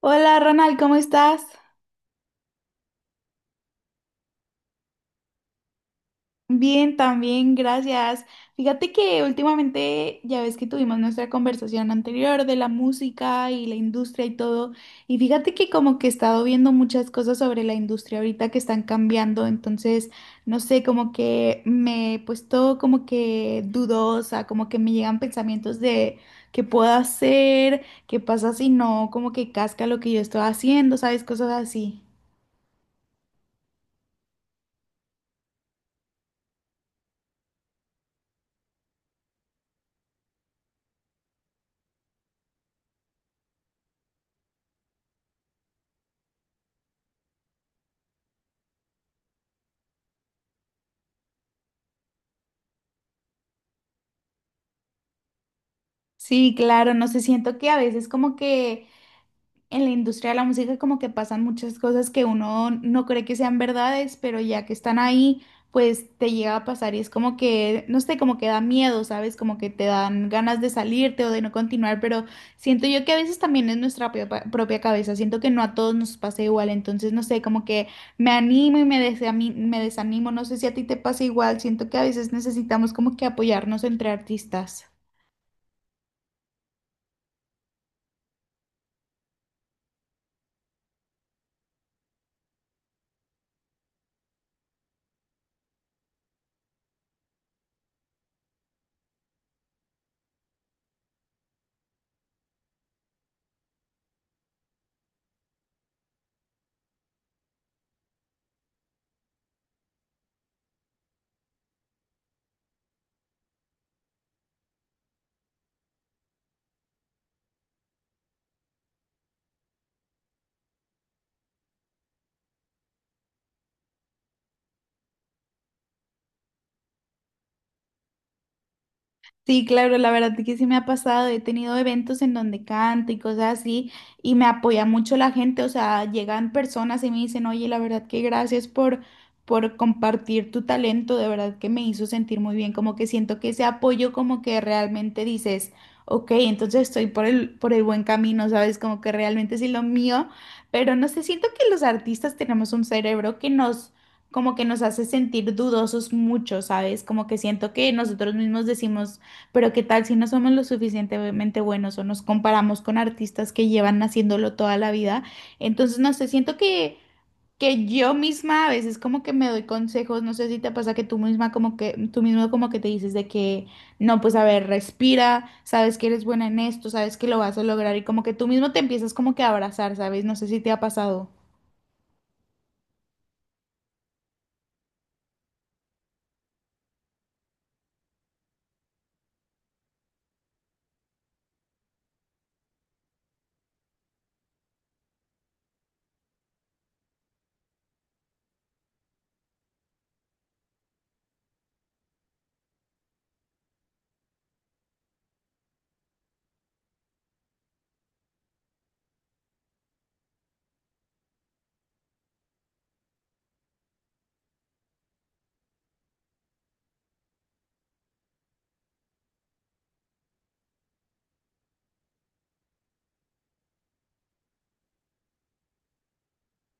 Hola Ronald, ¿cómo estás? Bien, también, gracias. Fíjate que últimamente ya ves que tuvimos nuestra conversación anterior de la música y la industria y todo, y fíjate que como que he estado viendo muchas cosas sobre la industria ahorita que están cambiando, entonces, no sé, como que me he puesto como que dudosa, como que me llegan pensamientos de qué puedo hacer, qué pasa si no, como que casca lo que yo estoy haciendo, ¿sabes? Cosas así. Sí, claro, no sé, siento que a veces como que en la industria de la música como que pasan muchas cosas que uno no cree que sean verdades, pero ya que están ahí, pues te llega a pasar y es como que, no sé, como que da miedo, ¿sabes? Como que te dan ganas de salirte o de no continuar, pero siento yo que a veces también es nuestra propia cabeza, siento que no a todos nos pasa igual, entonces no sé, como que me animo y me desanimo, no sé si a ti te pasa igual, siento que a veces necesitamos como que apoyarnos entre artistas. Sí, claro, la verdad es que sí me ha pasado, he tenido eventos en donde canto y cosas así y me apoya mucho la gente, o sea, llegan personas y me dicen, oye, la verdad que gracias por compartir tu talento, de verdad que me hizo sentir muy bien, como que siento que ese apoyo como que realmente dices, ok, entonces estoy por el buen camino, ¿sabes? Como que realmente sí lo mío, pero no sé, siento que los artistas tenemos un cerebro que nos como que nos hace sentir dudosos mucho, ¿sabes? Como que siento que nosotros mismos decimos pero qué tal si no somos lo suficientemente buenos o nos comparamos con artistas que llevan haciéndolo toda la vida. Entonces, no sé, que yo misma a veces como que me doy consejos, no sé si te pasa que tú misma tú mismo como que te no, pues a ver, respira, sabes que eres buena en esto, sabes que lo vas a lograr y como que tú mismo te empiezas como que a abrazar, ¿sabes? No sé si te ha pasado.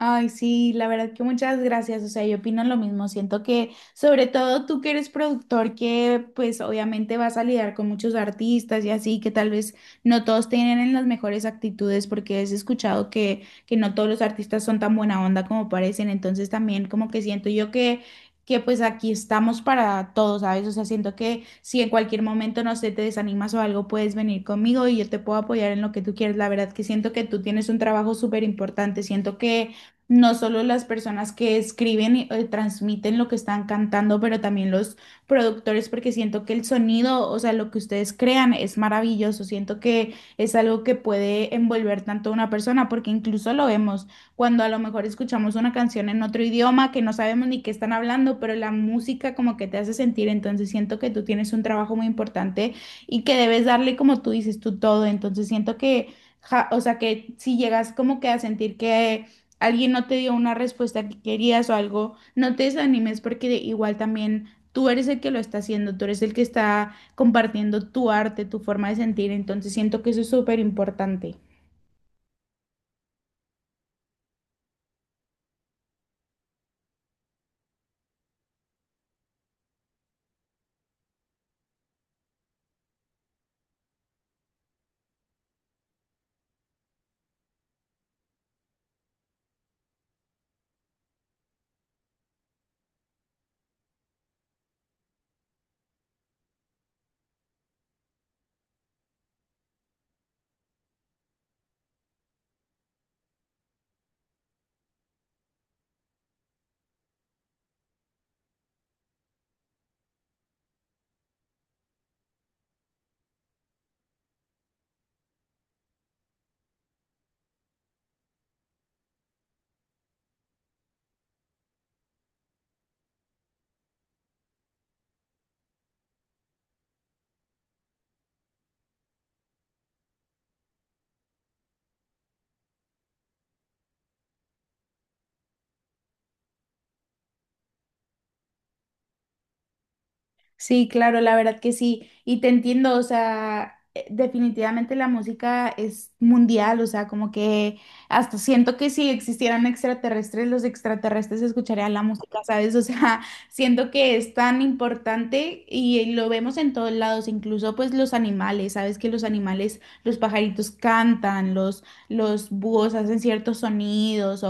Ay, sí, la verdad que muchas gracias. O sea, yo opino lo mismo. Siento que, sobre todo tú que eres productor, que pues obviamente vas a lidiar con muchos artistas y así, que tal vez no todos tienen las mejores actitudes, porque has escuchado que no todos los artistas son tan buena onda como parecen. Entonces también como que siento yo que pues aquí estamos para todos, ¿sabes? O sea, siento que si en cualquier momento, no sé, te desanimas o algo, puedes venir conmigo y yo te puedo apoyar en lo que tú quieres. La verdad que siento que tú tienes un trabajo súper importante. Siento que no solo las personas que escriben y transmiten lo que están cantando, pero también los productores, porque siento que el sonido, o sea, lo que ustedes crean es maravilloso. Siento que es algo que puede envolver tanto a una persona, porque incluso lo vemos cuando a lo mejor escuchamos una canción en otro idioma que no sabemos ni qué están hablando, pero la música como que te hace sentir. Entonces siento que tú tienes un trabajo muy importante y que debes darle, como tú dices, tú todo. Entonces siento o sea, que si llegas como que a sentir que alguien no te dio una respuesta que querías o algo, no te desanimes igual también tú eres el que lo está haciendo, tú eres el que está compartiendo tu arte, tu forma de sentir, entonces siento que eso es súper importante. Sí, claro, la verdad que sí. Y te entiendo, o sea, definitivamente la música es mundial, o sea, como que hasta siento que si existieran extraterrestres, los extraterrestres escucharían la música, ¿sabes? O sea, siento que es tan importante y lo vemos en todos lados, incluso pues los animales, ¿sabes? Que los animales, los pajaritos cantan, los búhos hacen ciertos sonidos.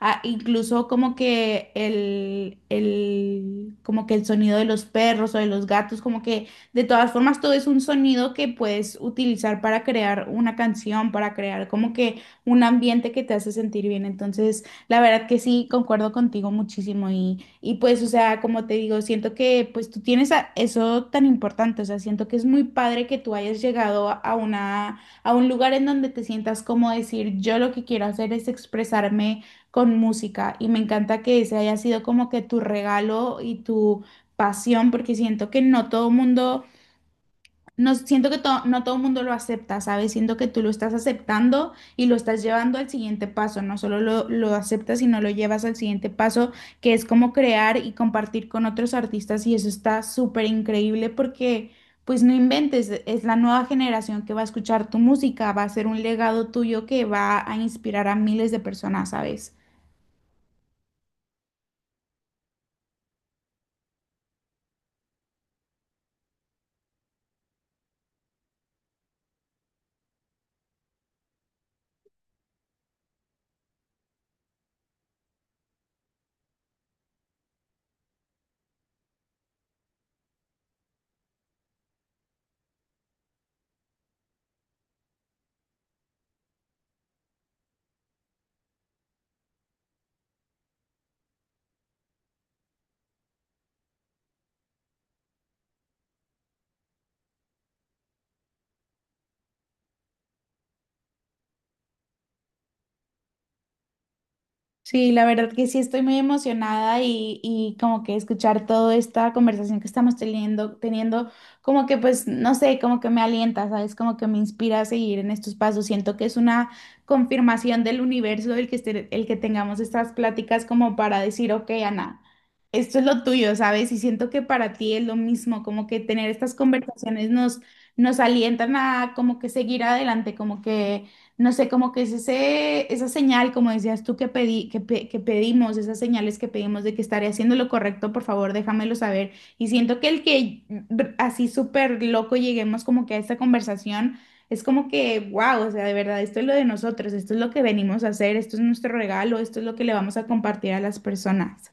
Ah, incluso como que como que el sonido de los perros o de los gatos, como que de todas formas todo es un sonido que puedes utilizar para crear una canción, para crear como que un ambiente que te hace sentir bien. Entonces, la verdad que sí, concuerdo contigo muchísimo y pues, o sea, como te digo, siento que pues tú eso tan importante, o sea, siento que es muy padre que tú hayas llegado a una, a un lugar en donde te sientas como decir, yo lo que quiero hacer es expresarme con música y me encanta que ese haya sido como que tu regalo y tu pasión porque siento que no todo mundo, no siento que no todo mundo lo acepta, ¿sabes? Siento que tú lo estás aceptando y lo estás llevando al siguiente paso, no solo lo aceptas, sino lo llevas al siguiente paso que es como crear y compartir con otros artistas y eso está súper increíble porque... Pues no inventes, es la nueva generación que va a escuchar tu música, va a ser un legado tuyo que va a inspirar a miles de personas, ¿sabes? Sí, la verdad que sí estoy muy emocionada y como que escuchar toda esta conversación que estamos teniendo, como que pues, no sé, como que me alienta, ¿sabes? Como que me inspira a seguir en estos pasos. Siento que es una confirmación del universo el el que tengamos estas pláticas como para decir, ok, Ana, esto es lo tuyo, ¿sabes? Y siento que para ti es lo mismo, como que tener estas conversaciones nos, nos alientan a como que seguir adelante, como que no sé, como que es esa señal, como decías tú, que que pedimos, esas señales que pedimos de que estaré haciendo lo correcto, por favor, déjamelo saber. Y siento que el así súper loco lleguemos como que a esta conversación, es como que, wow, o sea, de verdad, esto es lo de nosotros, esto es lo que venimos a hacer, esto es nuestro regalo, esto es lo que le vamos a compartir a las personas.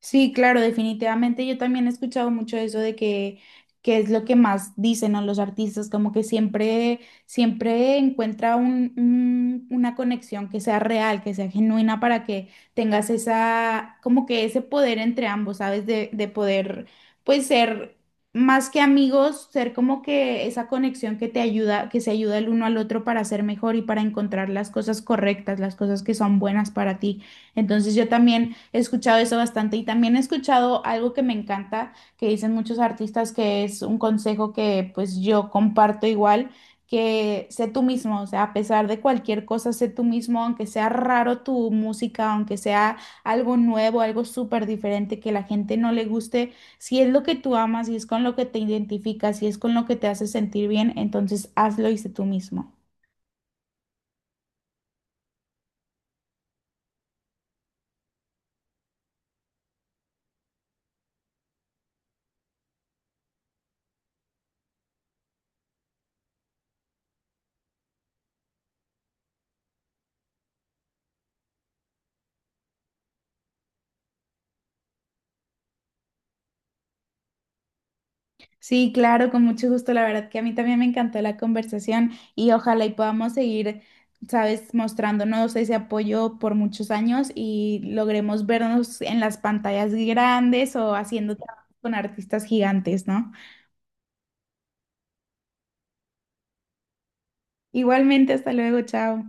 Sí, claro, definitivamente. Yo también he escuchado mucho eso que es lo que más dicen a los artistas, como que siempre, siempre encuentra una conexión que sea real, que sea genuina para que tengas esa, como que ese poder entre ambos, ¿sabes? De poder, pues, ser más que amigos, ser como que esa conexión que te ayuda, que se ayuda el uno al otro para ser mejor y para encontrar las cosas correctas, las cosas que son buenas para ti. Entonces yo también he escuchado eso bastante y también he escuchado algo que me encanta, que dicen muchos artistas, que es un consejo que pues yo comparto igual, que sé tú mismo, o sea, a pesar de cualquier cosa, sé tú mismo, aunque sea raro tu música, aunque sea algo nuevo, algo súper diferente que la gente no le guste, si es lo que tú amas, si es con lo que te identificas, si es con lo que te hace sentir bien, entonces hazlo y sé tú mismo. Sí, claro, con mucho gusto. La verdad que a mí también me encantó la conversación y ojalá y podamos seguir, sabes, mostrándonos ese apoyo por muchos años y logremos vernos en las pantallas grandes o haciendo trabajos con artistas gigantes, ¿no? Igualmente, hasta luego, chao.